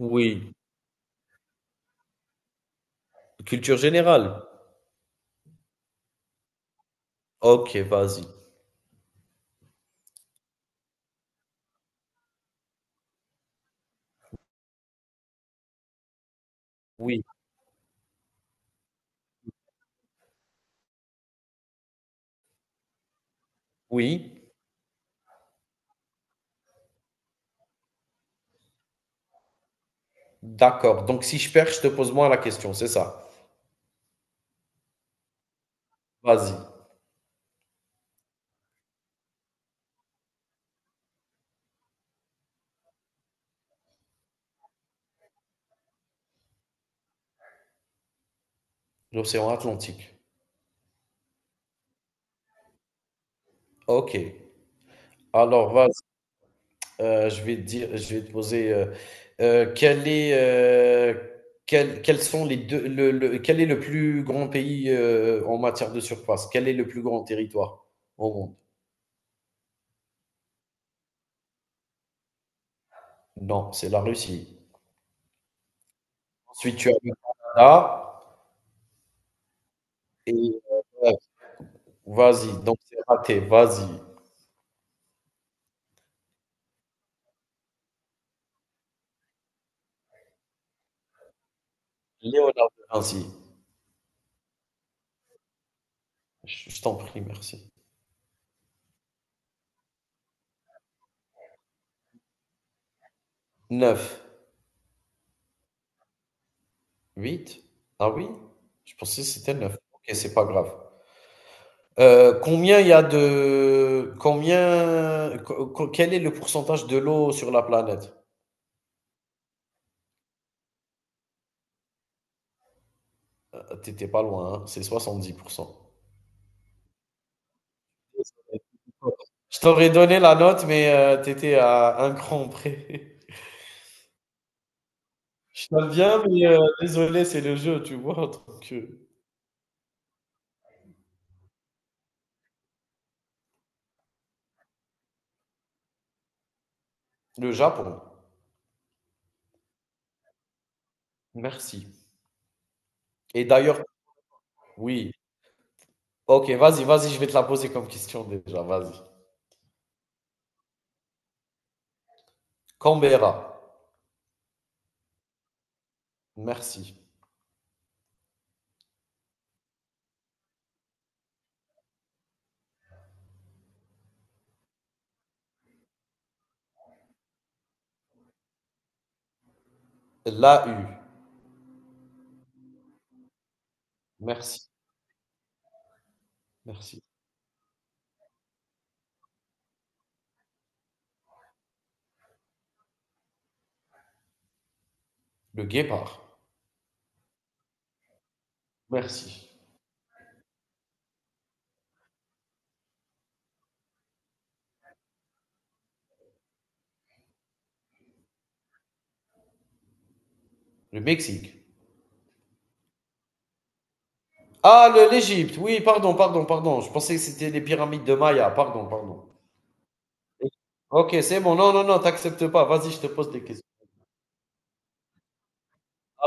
Oui, culture générale? OK, vas-y. Oui, oui, d'accord. Donc si je perds, je te pose moi la question, c'est ça? Vas-y. L'océan Atlantique. OK. Alors vas-y, je vais te dire je vais te poser, quel est, heu, quels sont les 2, le quel est le plus grand pays, en matière de surface? Quel est le plus grand territoire au monde? Non, c'est la Russie. Ensuite, tu as le Canada et heu, vas-y, donc c'est raté, vas-y. Léonard de Vinci. Je t'en prie, merci. 9, 8, ah oui? Je pensais que c'était 9. Ok, c'est pas grave. Combien il y a de... Combien... Quel est le pourcentage de l'eau sur la planète? T'étais pas loin, hein, c'est 70%. Je t'aurais donné la note, mais t'étais à un cran près. Je t'aime bien, mais désolé, c'est le jeu, tu vois. Donc, le Japon. Merci. Et d'ailleurs, oui. Ok, vas-y, vas-y, je vais te la poser comme question déjà, vas-y. Canberra, merci. La U, merci, merci. Le guépard, merci. Le Mexique. Ah, l'Égypte, oui, pardon, pardon, pardon. Je pensais que c'était les pyramides de Maya, pardon, pardon. Ok, c'est bon, non, non, non, t'acceptes pas, vas-y, je te pose des questions.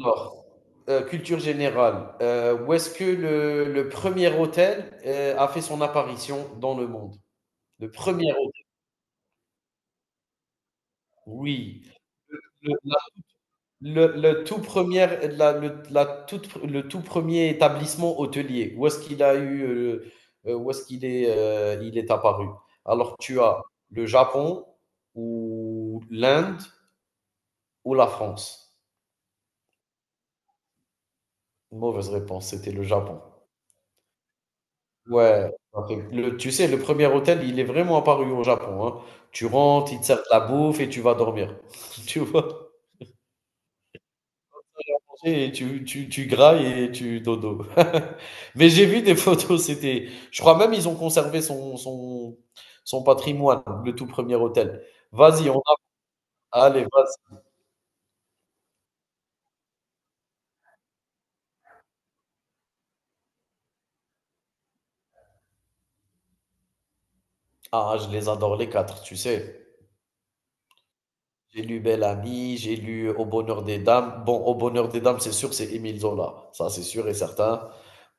Alors, culture générale, où est-ce que le premier hôtel a fait son apparition dans le monde? Le premier hôtel, oui. Le tout premier, la, le, la toute, le tout premier établissement hôtelier, où est-ce qu'il a eu, où est-ce qu'il est, il est apparu? Alors, tu as le Japon ou l'Inde ou la France. Mauvaise réponse, c'était le Japon. Ouais, tu sais, le premier hôtel, il est vraiment apparu au Japon, hein. Tu rentres, ils te servent de la bouffe et tu vas dormir. Tu vois? Et tu grailles et tu dodo. Mais j'ai vu des photos, c'était. Je crois même ils ont conservé son, son patrimoine, le tout premier hôtel. Vas-y, on a. Allez, vas-y. Ah, je les adore les quatre, tu sais. J'ai lu Belle Amie, j'ai lu Au bonheur des dames. Bon, Au bonheur des dames, c'est sûr, c'est Émile Zola. Ça, c'est sûr et certain.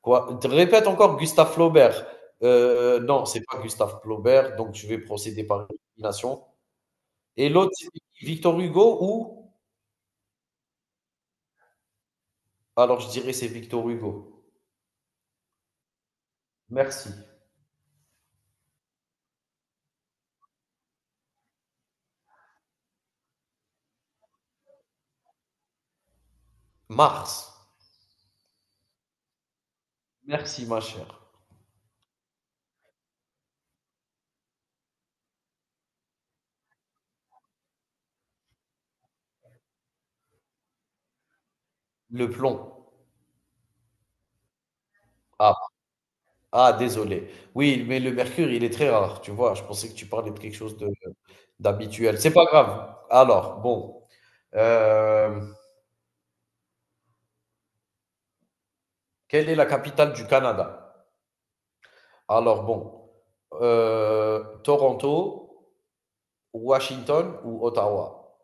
Quoi? Te Répète encore Gustave Flaubert. Non, c'est pas Gustave Flaubert, donc je vais procéder par élimination. Et l'autre, c'est Victor Hugo ou? Alors je dirais c'est Victor Hugo. Merci. Mars. Merci ma chère. Le plomb. Ah, ah, désolé. Oui, mais le mercure, il est très rare, tu vois. Je pensais que tu parlais de quelque chose de d'habituel. C'est pas grave. Alors, bon. Euh, quelle est la capitale du Canada? Alors, bon. Toronto, Washington ou Ottawa?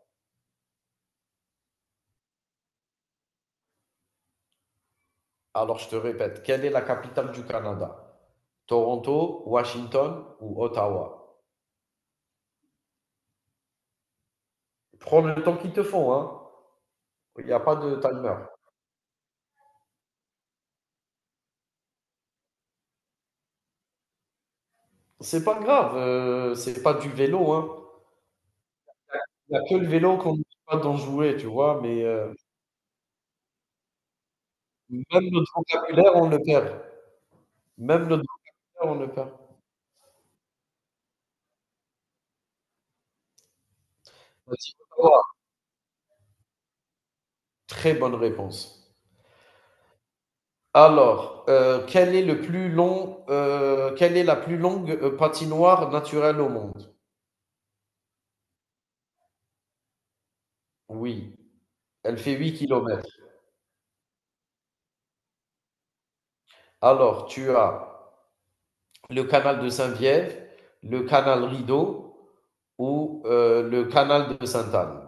Alors, je te répète, quelle est la capitale du Canada? Toronto, Washington ou Ottawa? Prends le temps qu'il te faut, hein. Il n'y a pas de timer. C'est pas grave, c'est pas du vélo, hein. Il n'y a que le vélo qu'on n'oublie pas d'en jouer, tu vois, mais même notre vocabulaire, on le perd. Même notre vocabulaire, on le perd. Vas-y, au revoir. Très bonne réponse. Alors, quelle est la plus longue, patinoire naturelle au monde? Oui, elle fait huit kilomètres. Alors, tu as le canal de Saint-Viève, le canal Rideau ou le canal de Sainte-Anne?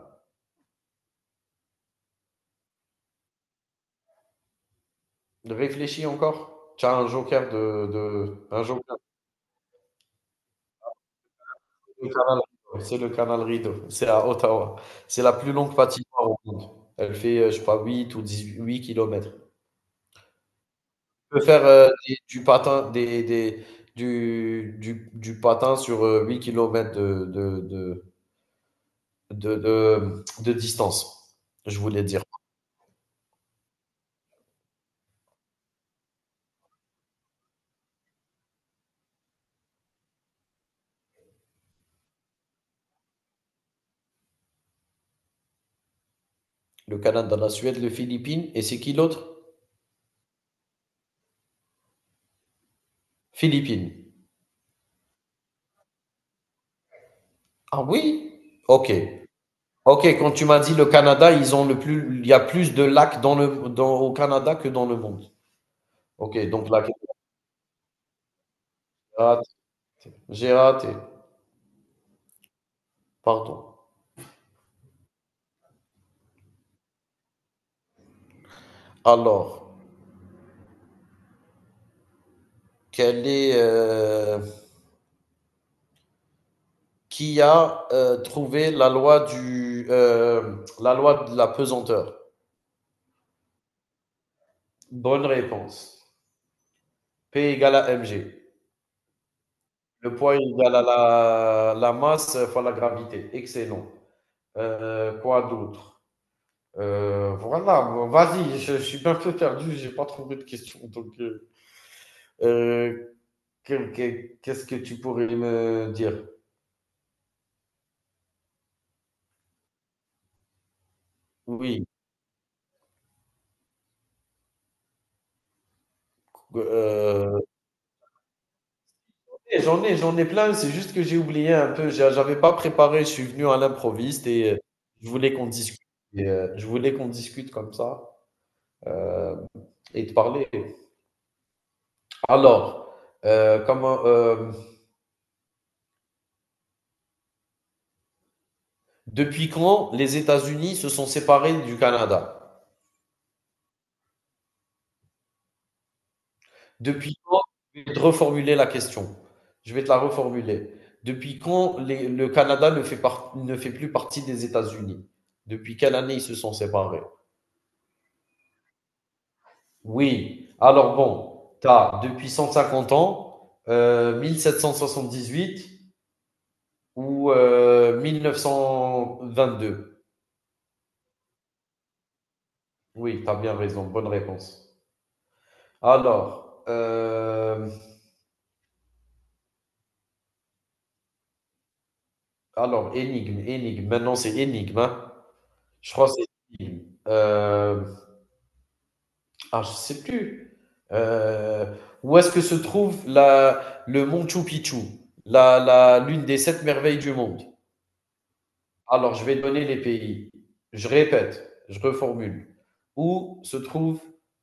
Réfléchis encore. Tu as un joker un joker de canal Rideau. C'est le canal Rideau. C'est à Ottawa. C'est la plus longue patinoire au monde. Elle fait, je crois, 8 ou 18 kilomètres. Tu peux faire du patin, du patin sur 8 km de distance, je voulais dire. Le Canada, la Suède, les Philippines. Et c'est qui l'autre? Philippines. Ah oui? Ok. Ok, quand tu m'as dit le Canada, ils ont le plus, il y a plus de lacs au Canada que dans le monde. Ok, donc là, j'ai raté. J'ai raté. Pardon. Alors, quel est, euh, qui a trouvé la loi de la pesanteur? Bonne réponse. P égale à mg. Le poids égale à la masse fois la gravité. Excellent. Quoi d'autre? Voilà, bon, vas-y, je suis un peu perdu, j'ai pas trouvé de question. Donc, euh, qu'est-ce que tu pourrais me dire? Oui, euh, j'en ai plein, c'est juste que j'ai oublié un peu. J'avais pas préparé, je suis venu à l'improviste et je voulais qu'on discute. Et, je voulais qu'on discute comme ça euh, et te parler. Alors, euh, comment, euh, depuis quand les États-Unis se sont séparés du Canada? Depuis quand, je vais te reformuler la question. Je vais te la reformuler. Depuis quand le Canada ne fait, ne fait plus partie des États-Unis. Depuis quelle année ils se sont séparés? Oui. Alors bon, tu as depuis 150 ans, 1778 ou 1922. Oui, tu as bien raison. Bonne réponse. Alors, alors énigme, énigme. Maintenant, c'est énigme, hein. Je crois que c'est énigme. Euh, Ah, je sais plus. Euh, où est-ce que se trouve la, le Machu Picchu, l'une des sept merveilles du monde? Alors, je vais donner les pays. Je répète, je reformule. Où se trouve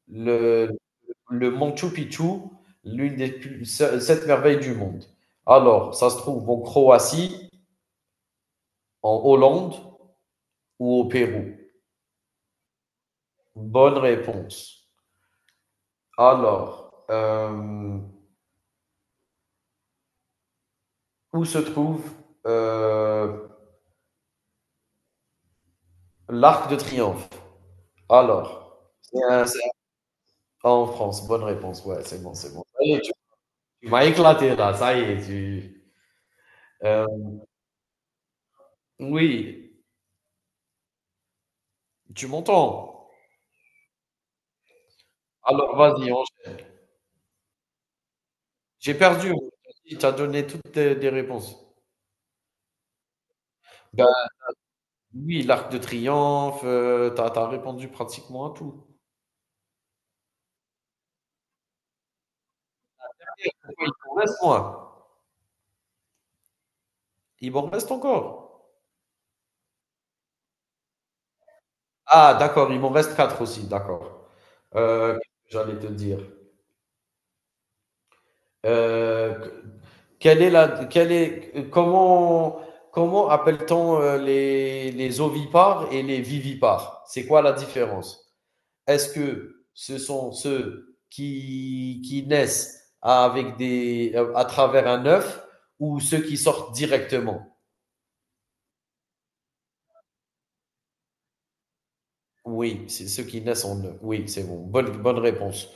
le, le Machu Picchu, l'une des sept merveilles du monde? Alors, ça se trouve en Croatie, en Hollande ou au Pérou? Bonne réponse. Alors, où se trouve euh, l'arc de triomphe. Alors, ah, en France. Bonne réponse. Ouais, c'est bon, c'est bon. Ça y est, tu m'as éclaté là. Ça y est. Euh, oui, tu m'entends. Alors, vas-y. J'ai perdu. Tu as donné des réponses. Ben, oui, l'arc de triomphe. Tu as, répondu pratiquement à tout. Il m'en reste moins. Il m'en reste encore. Ah, d'accord. Il m'en reste quatre aussi. D'accord. Euh, J'allais te dire. Euh, quelle est la, quelle est, comment, comment appelle-t-on les ovipares et les vivipares? C'est quoi la différence? Est-ce que ce sont ceux qui naissent avec à travers un œuf ou ceux qui sortent directement? Oui, c'est ceux qui naissent en œuf. Oui, c'est bon. Bonne, bonne réponse.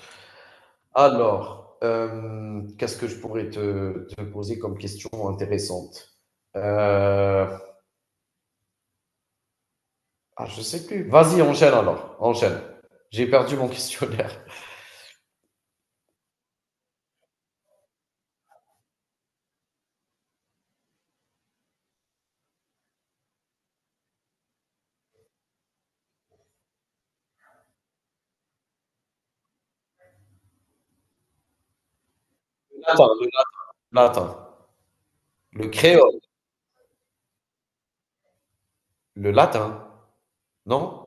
Alors, qu'est-ce que je pourrais te poser comme question intéressante? Euh, Ah, je sais plus. Vas-y, enchaîne alors. Enchaîne. J'ai perdu mon questionnaire. Le latin, latin. Le créole. Le latin. Non?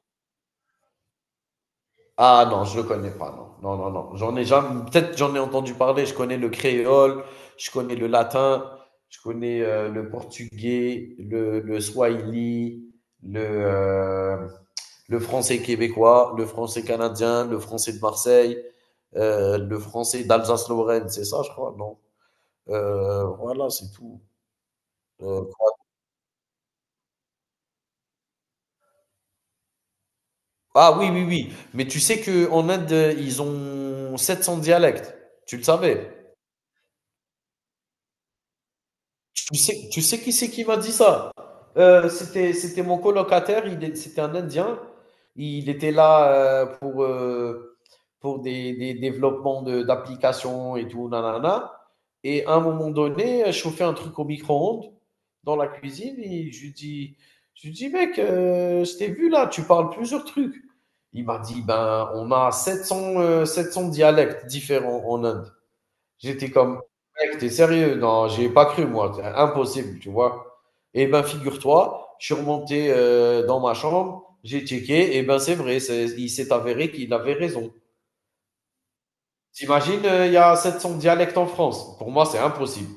Ah non, je le connais pas. Non, non, non, non. J'en ai jamais. Peut-être j'en ai entendu parler. Je connais le créole. Je connais le latin. Je connais le portugais, le swahili, le, euh, le français québécois, le français canadien, le français de Marseille, le français d'Alsace-Lorraine. C'est ça, je crois. Non. Voilà, c'est tout. Euh, ah oui, oui, oui. Mais tu sais qu'en Inde, ils ont 700 dialectes. Tu le savais? Tu sais qui c'est qui m'a dit ça? C'était mon colocataire, c'était un Indien. Il était là pour des développements d'applications et tout, nanana. Et à un moment donné, je chauffais un truc au micro-ondes dans la cuisine et je lui dis, mec, je t'ai vu là, tu parles plusieurs trucs. Il m'a dit, ben, on a 700, 700 dialectes différents en Inde. J'étais comme, mec, t'es sérieux? Non, j'ai pas cru, moi. C'est Impossible, tu vois. Et ben, figure-toi, je suis remonté dans ma chambre, j'ai checké, et ben, c'est vrai, il s'est avéré qu'il avait raison. T'imagines, il y a 700 dialectes en France. Pour moi, c'est impossible.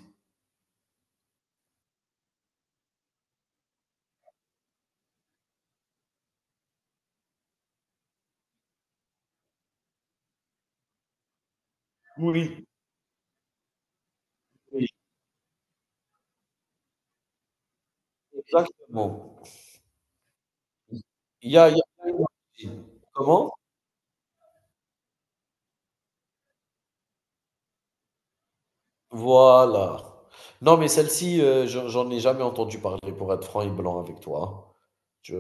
Oui. Oui, exactement. Il y a, il y a- Comment? Voilà. Non, mais celle-ci, j'en ai jamais entendu parler, pour être franc et blanc avec toi. Je-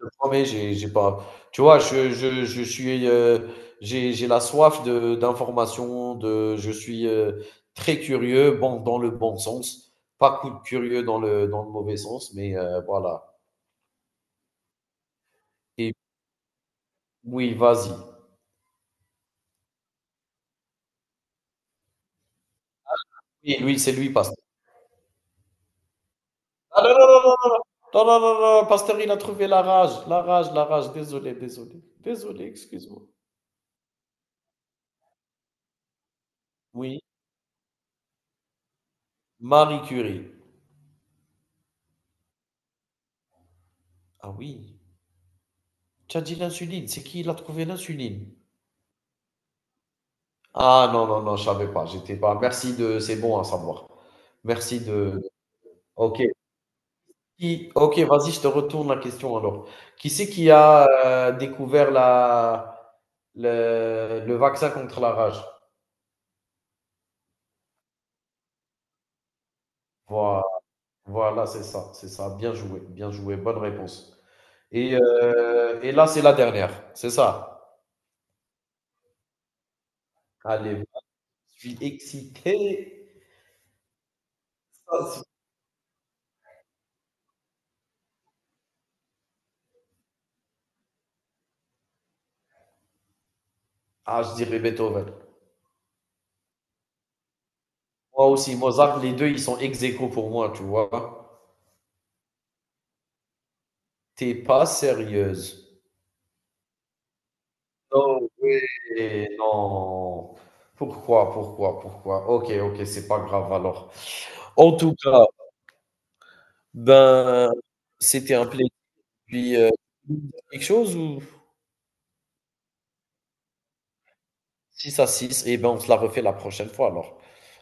Je te promets, j'ai pas tu vois, je suis, j'ai la soif de d'information. De je suis, très curieux, bon, dans le bon sens, pas coup de curieux dans le mauvais sens, mais voilà. Et oui, vas-y. Et lui, c'est lui Pasteur. Ah non, non, non, non, non, non, non, non, non, Pasteur, il a trouvé la rage, la rage, la rage, désolé, désolé, désolé, excuse-moi. Oui, Marie Curie. Ah oui, tu as dit l'insuline, c'est qui il a trouvé l'insuline? Ah non, non, non, je savais pas. J'étais pas. Merci de. C'est bon à savoir. Merci de. Ok. Ok, vas-y, je te retourne la question alors. Qui c'est qui a découvert le vaccin contre la rage? Voilà, voilà, c'est ça, c'est ça. Bien joué, bonne réponse. Et là, c'est la dernière, c'est ça. Allez, je suis excité. Ah, je dirais Beethoven. Moi aussi, Mozart, les deux, ils sont ex aequo pour moi, tu vois. T'es pas sérieuse. Non, oui, non. Pourquoi, pourquoi, pourquoi? OK, OK, c'est pas grave alors. En tout cas, ben, c'était un plaisir. Puis, quelque chose ou 6-6. Et ben, on se la refait la prochaine fois alors.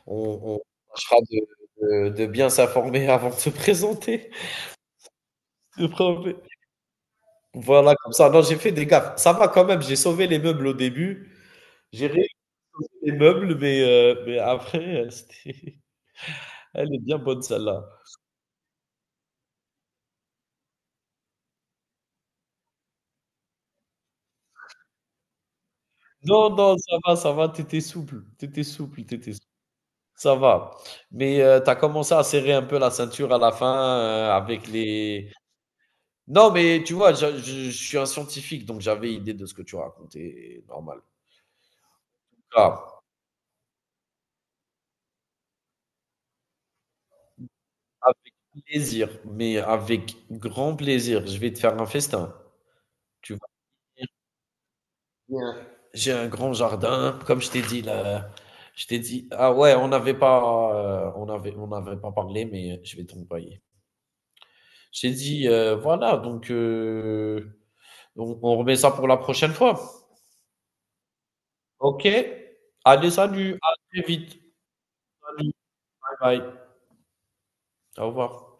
On tâchera de bien s'informer avant de se présenter. Je te promets. Voilà, comme ça, non, j'ai fait des gaffes. Ça va quand même, j'ai sauvé les meubles au début. J'ai réussi les meubles, mais après, c'était. Elle est bien bonne celle-là. Non, non, ça va, tu souple, tu souple, tu souple, ça va. Mais tu as commencé à serrer un peu la ceinture à la fin, avec les. Non, mais tu vois, je suis un scientifique, donc j'avais idée de ce que tu racontais, normal. Ah, avec plaisir, mais avec grand plaisir, je vais te faire un festin. Tu vas venir bien. J'ai un grand jardin, comme je t'ai dit là, je t'ai dit ah ouais, on n'avait pas, on avait, on n'avait pas parlé, mais je vais t'envoyer. J'ai dit, voilà, donc on remet ça pour la prochaine fois. OK. Allez, salut, à très vite. Salut, bye bye. Au revoir.